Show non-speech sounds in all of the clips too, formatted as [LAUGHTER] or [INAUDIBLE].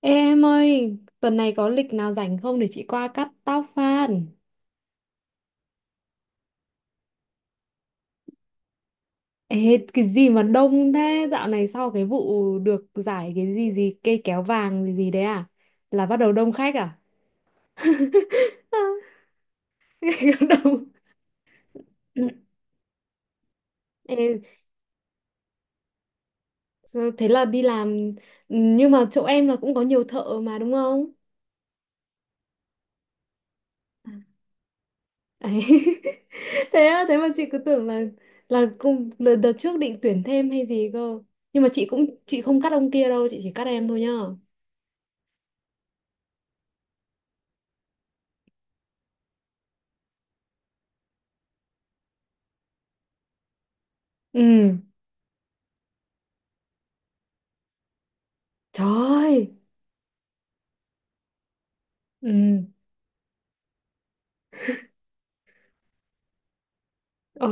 Ê em ơi, tuần này có lịch nào rảnh không để chị qua cắt tóc fan? Ê, cái gì mà đông thế? Dạo này sau cái vụ được giải cái gì gì cây kéo vàng gì gì đấy à? Là bắt đầu đông khách à? [LAUGHS] Đông. Ê, sao thế là đi làm nhưng mà chỗ em là cũng có nhiều thợ mà đúng không? Đấy. [LAUGHS] Thế á, thế mà chị cứ tưởng là cùng đợt, đợt trước định tuyển thêm hay gì cơ. Nhưng mà chị không cắt ông kia đâu, chị chỉ cắt em thôi nhá. Ừ, trời ơi. Ừ, ờ,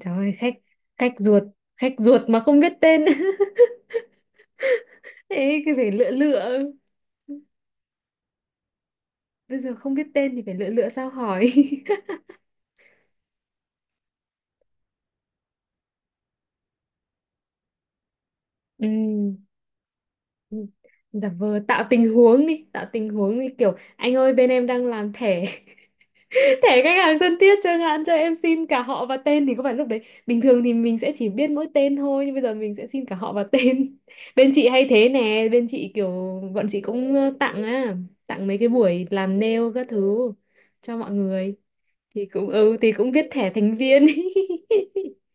trời ơi, khách ruột, khách ruột mà không biết tên. [LAUGHS] Ê, cái phải lựa lựa. Bây giờ không biết tên thì phải lựa lựa sao hỏi. [LAUGHS] Ừ. Ừ, giả vờ tạo tình huống đi, tạo tình huống đi kiểu anh ơi bên em đang làm thẻ, [LAUGHS] thẻ khách hàng thân thiết chẳng hạn, cho em xin cả họ và tên thì có phải lúc đấy bình thường thì mình sẽ chỉ biết mỗi tên thôi nhưng bây giờ mình sẽ xin cả họ và tên. [LAUGHS] Bên chị hay thế nè, bên chị kiểu bọn chị cũng tặng mấy cái buổi làm nail các thứ cho mọi người thì cũng viết thẻ thành viên. [LAUGHS]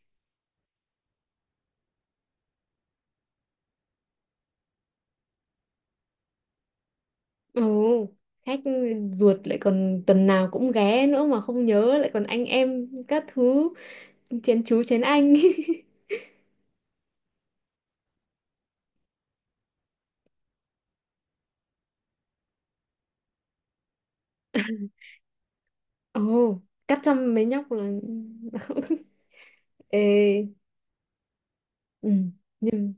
Ừ, khách ruột lại còn tuần nào cũng ghé nữa mà không nhớ, lại còn anh em các thứ, chén chú chén anh. [LAUGHS] Ồ, cắt trong mấy nhóc là [LAUGHS] Ê, ừ, nhưng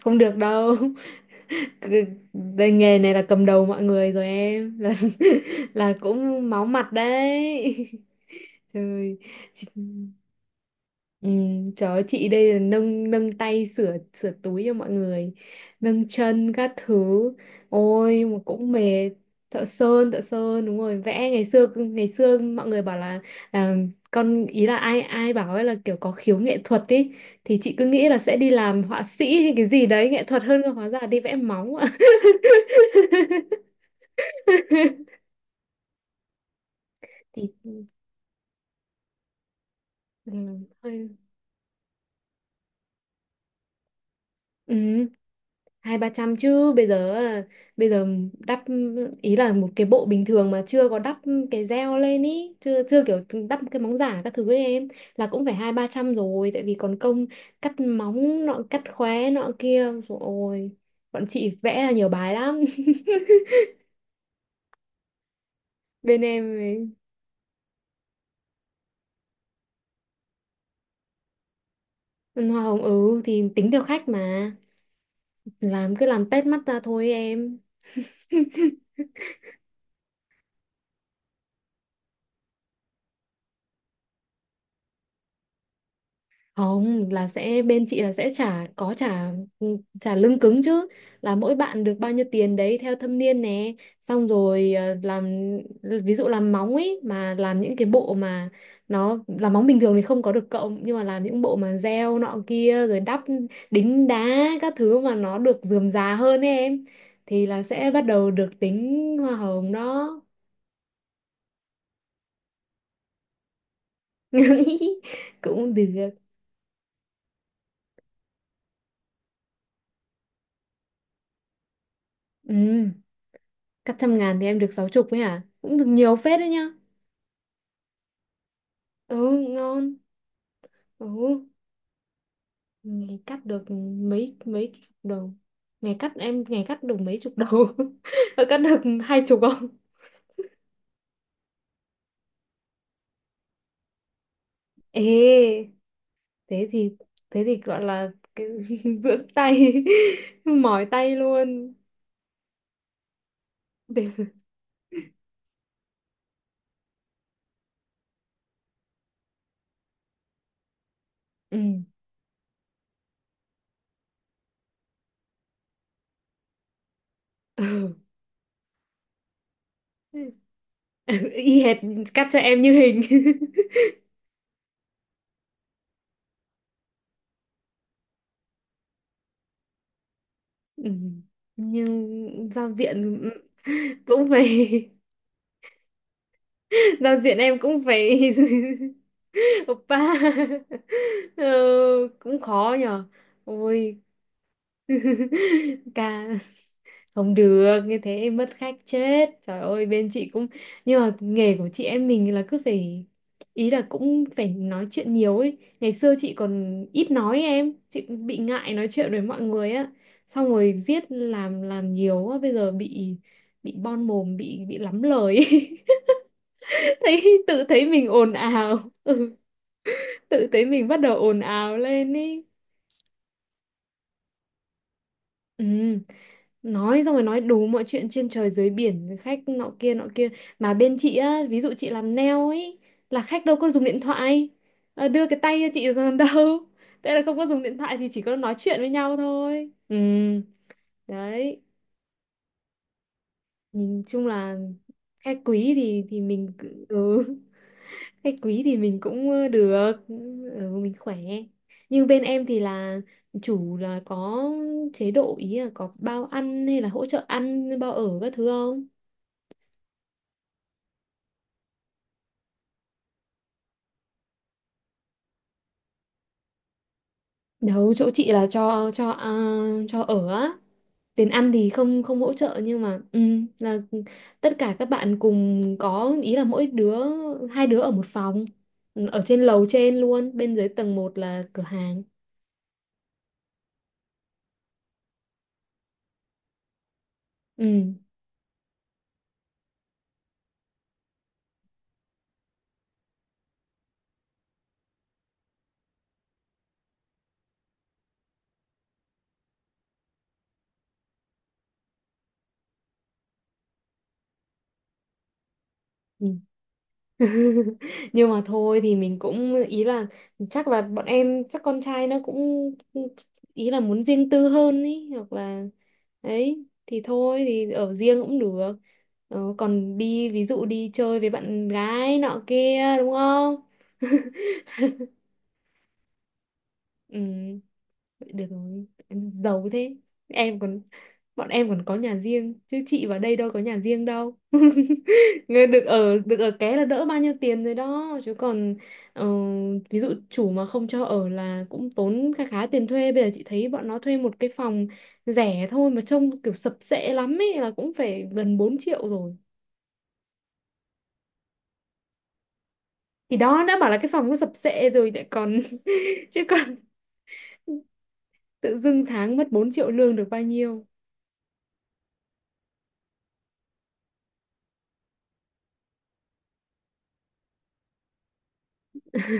không được đâu. [LAUGHS] Cái- cái nghề này là cầm đầu mọi người rồi, em là [LAUGHS] là cũng máu mặt đấy. [LAUGHS] Trời. Ừ, trời ơi, chị đây là nâng nâng tay sửa sửa túi cho mọi người, nâng chân các thứ, ôi mà cũng mệt. Thợ sơn, thợ sơn đúng rồi, vẽ. Ngày xưa ngày xưa mọi người bảo là, là con ý, là ai ai bảo ấy là kiểu có khiếu nghệ thuật ý, thì chị cứ nghĩ là sẽ đi làm họa sĩ hay cái gì đấy nghệ thuật hơn cơ, hóa ra là đi vẽ móng ạ. [LAUGHS] Thì ừ, hơi ừ. Hai ba trăm chứ bây giờ à, bây giờ đắp, ý là một cái bộ bình thường mà chưa có đắp cái gel lên ý, chưa chưa kiểu đắp cái móng giả các thứ ấy em là cũng phải hai ba trăm rồi, tại vì còn công cắt móng nọ cắt khóe nọ kia rồi. Bọn chị vẽ là nhiều bài lắm. [LAUGHS] Bên em ấy. Hoa hồng, ừ thì tính theo khách mà, làm cứ làm tét mắt ra thôi em. [LAUGHS] Không, là sẽ bên chị là sẽ trả, có trả, ừ, trả lương cứng chứ, là mỗi bạn được bao nhiêu tiền đấy theo thâm niên nè, xong rồi làm, ví dụ làm móng ấy mà làm những cái bộ mà nó làm móng bình thường thì không có được cộng nhưng mà làm những bộ mà gieo nọ kia rồi đắp đính đá các thứ mà nó được rườm rà hơn ấy em thì là sẽ bắt đầu được tính hoa hồng đó. [LAUGHS] Cũng được. Ừ, cắt 100 ngàn thì em được 60 ấy hả, cũng được nhiều phết đấy nhá. Ừ, ngon. Ừ, ngày cắt được mấy mấy chục đầu, ngày cắt được mấy chục đầu. [LAUGHS] Ờ, cắt được 20 không? Ê, thế thì thế thì gọi là cái, [LAUGHS] dưỡng tay. [LAUGHS] Mỏi tay luôn, để. Ừ. Ừ. [LAUGHS] Y hệt, cắt cho em như hình. [LAUGHS] Ừ. Nhưng giao diện cũng phải [LAUGHS] giao diện em cũng phải [LAUGHS] oppa. [LAUGHS] Ờ, cũng khó nhở. Ôi. [LAUGHS] Ca không được như thế mất khách chết, trời ơi, bên chị cũng, nhưng mà nghề của chị em mình là cứ phải, ý là cũng phải nói chuyện nhiều ấy. Ngày xưa chị còn ít nói ấy, em, chị cũng bị ngại nói chuyện với mọi người á, xong rồi giết làm nhiều á, bây giờ bị bon mồm, bị lắm lời ấy. [LAUGHS] Thấy tự thấy mình ồn ào. Ừ, tự thấy mình bắt đầu ồn ào lên ý. Ừ. Nói xong rồi nói đủ mọi chuyện trên trời dưới biển, khách nọ kia nọ kia. Mà bên chị á, ví dụ chị làm nail ấy là khách đâu có dùng điện thoại. Ờ, đưa cái tay cho chị còn [LAUGHS] đâu, thế là không có dùng điện thoại thì chỉ có nói chuyện với nhau thôi, ừ. Đấy, nhìn chung là khách quý thì mình cứ- ừ. [LAUGHS] Khách quý thì mình cũng được, ừ, mình khỏe. Nhưng bên em thì là chủ là có chế độ, ý là có bao ăn hay là hỗ trợ ăn, bao ở các thứ không? Đâu, chỗ chị là cho ở á. Tiền ăn thì không không hỗ trợ nhưng mà ừ, là tất cả các bạn cùng có, ý là mỗi đứa hai đứa ở một phòng, ở trên lầu, trên luôn, bên dưới tầng một là cửa hàng. Ừ. Ừ. [LAUGHS] Nhưng mà thôi thì mình cũng, ý là chắc là bọn em, chắc con trai nó cũng ý là muốn riêng tư hơn ý, hoặc là ấy thì thôi thì ở riêng cũng được. Ờ, còn ví dụ đi chơi với bạn gái nọ kia đúng không? [LAUGHS] Ừ. Vậy được rồi. Giàu thế. Em còn bọn em còn có nhà riêng chứ chị vào đây đâu có nhà riêng đâu. [LAUGHS] Người được ở ké là đỡ bao nhiêu tiền rồi đó chứ còn ờ, ví dụ chủ mà không cho ở là cũng tốn khá khá tiền thuê. Bây giờ chị thấy bọn nó thuê một cái phòng rẻ thôi mà trông kiểu sập sệ lắm ấy là cũng phải gần 4 triệu rồi. Thì đó, đã bảo là cái phòng nó sập sệ rồi lại còn [LAUGHS] chứ còn tự dưng tháng mất 4 triệu, lương được bao nhiêu?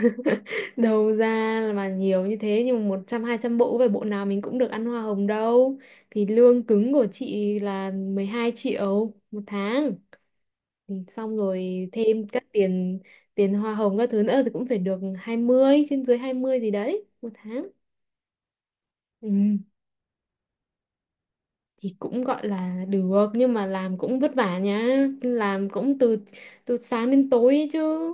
[LAUGHS] Đầu ra mà nhiều như thế nhưng mà 100-200 bộ về bộ nào mình cũng được ăn hoa hồng đâu, thì lương cứng của chị là 12 triệu một tháng, thì xong rồi thêm các tiền, hoa hồng các thứ nữa thì cũng phải được 20, trên dưới 20 gì đấy một tháng. Ừ. Thì cũng gọi là được nhưng mà làm cũng vất vả nhá. Làm cũng từ từ sáng đến tối ấy chứ.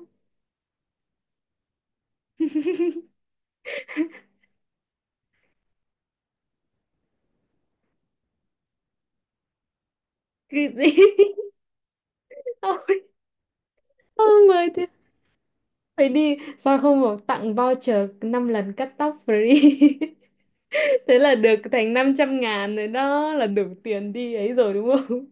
Cái gì? [LAUGHS] Ôi, Ôi, mười phải đi sao không bảo tặng voucher 5 lần cắt tóc free? [LAUGHS] Thế là được thành 500.000 rồi, đó là đủ tiền đi ấy rồi đúng không?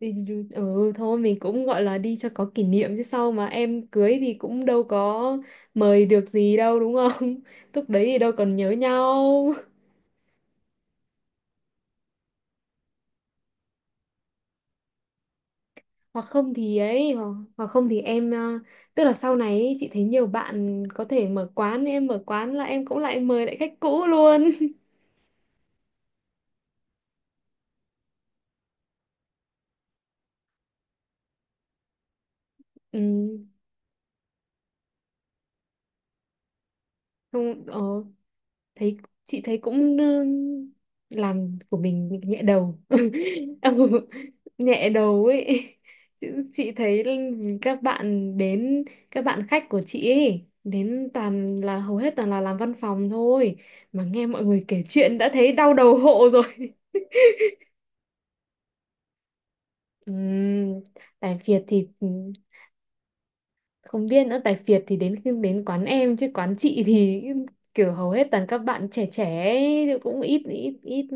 Đi du- ừ thôi, mình cũng gọi là đi cho có kỷ niệm chứ sau mà em cưới thì cũng đâu có mời được gì đâu, đúng không? [LAUGHS] Lúc đấy thì đâu còn nhớ nhau. hoặc không thì ấy hoặc, hoặc không thì em, ờ, tức là sau này ấy, chị thấy nhiều bạn có thể mở quán, em mở quán là em cũng lại mời lại khách cũ luôn. [LAUGHS] Ừ, không, ờ, thấy, chị thấy cũng ừ, làm của mình nhẹ đầu. [LAUGHS] Ừ, nhẹ đầu ấy. [LAUGHS] chị, chị thấy các bạn đến, các bạn khách của chị ấy đến toàn là, hầu hết toàn là làm văn phòng thôi, mà nghe mọi người kể chuyện đã thấy đau đầu hộ rồi. [LAUGHS] Ừm, tài phiệt thì không biết nữa, tài phiệt thì đến khi đến quán em chứ quán chị thì [LAUGHS] kiểu hầu hết toàn các bạn trẻ trẻ ấy, cũng ít ít ít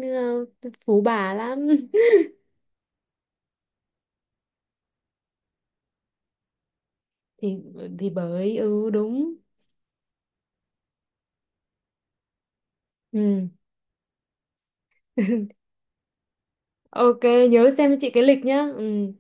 ờ, phú bà lắm. Thì ừ, thì bởi ừ đúng ừ. [LAUGHS] Ok, nhớ xem cho chị cái lịch nhá, ừ.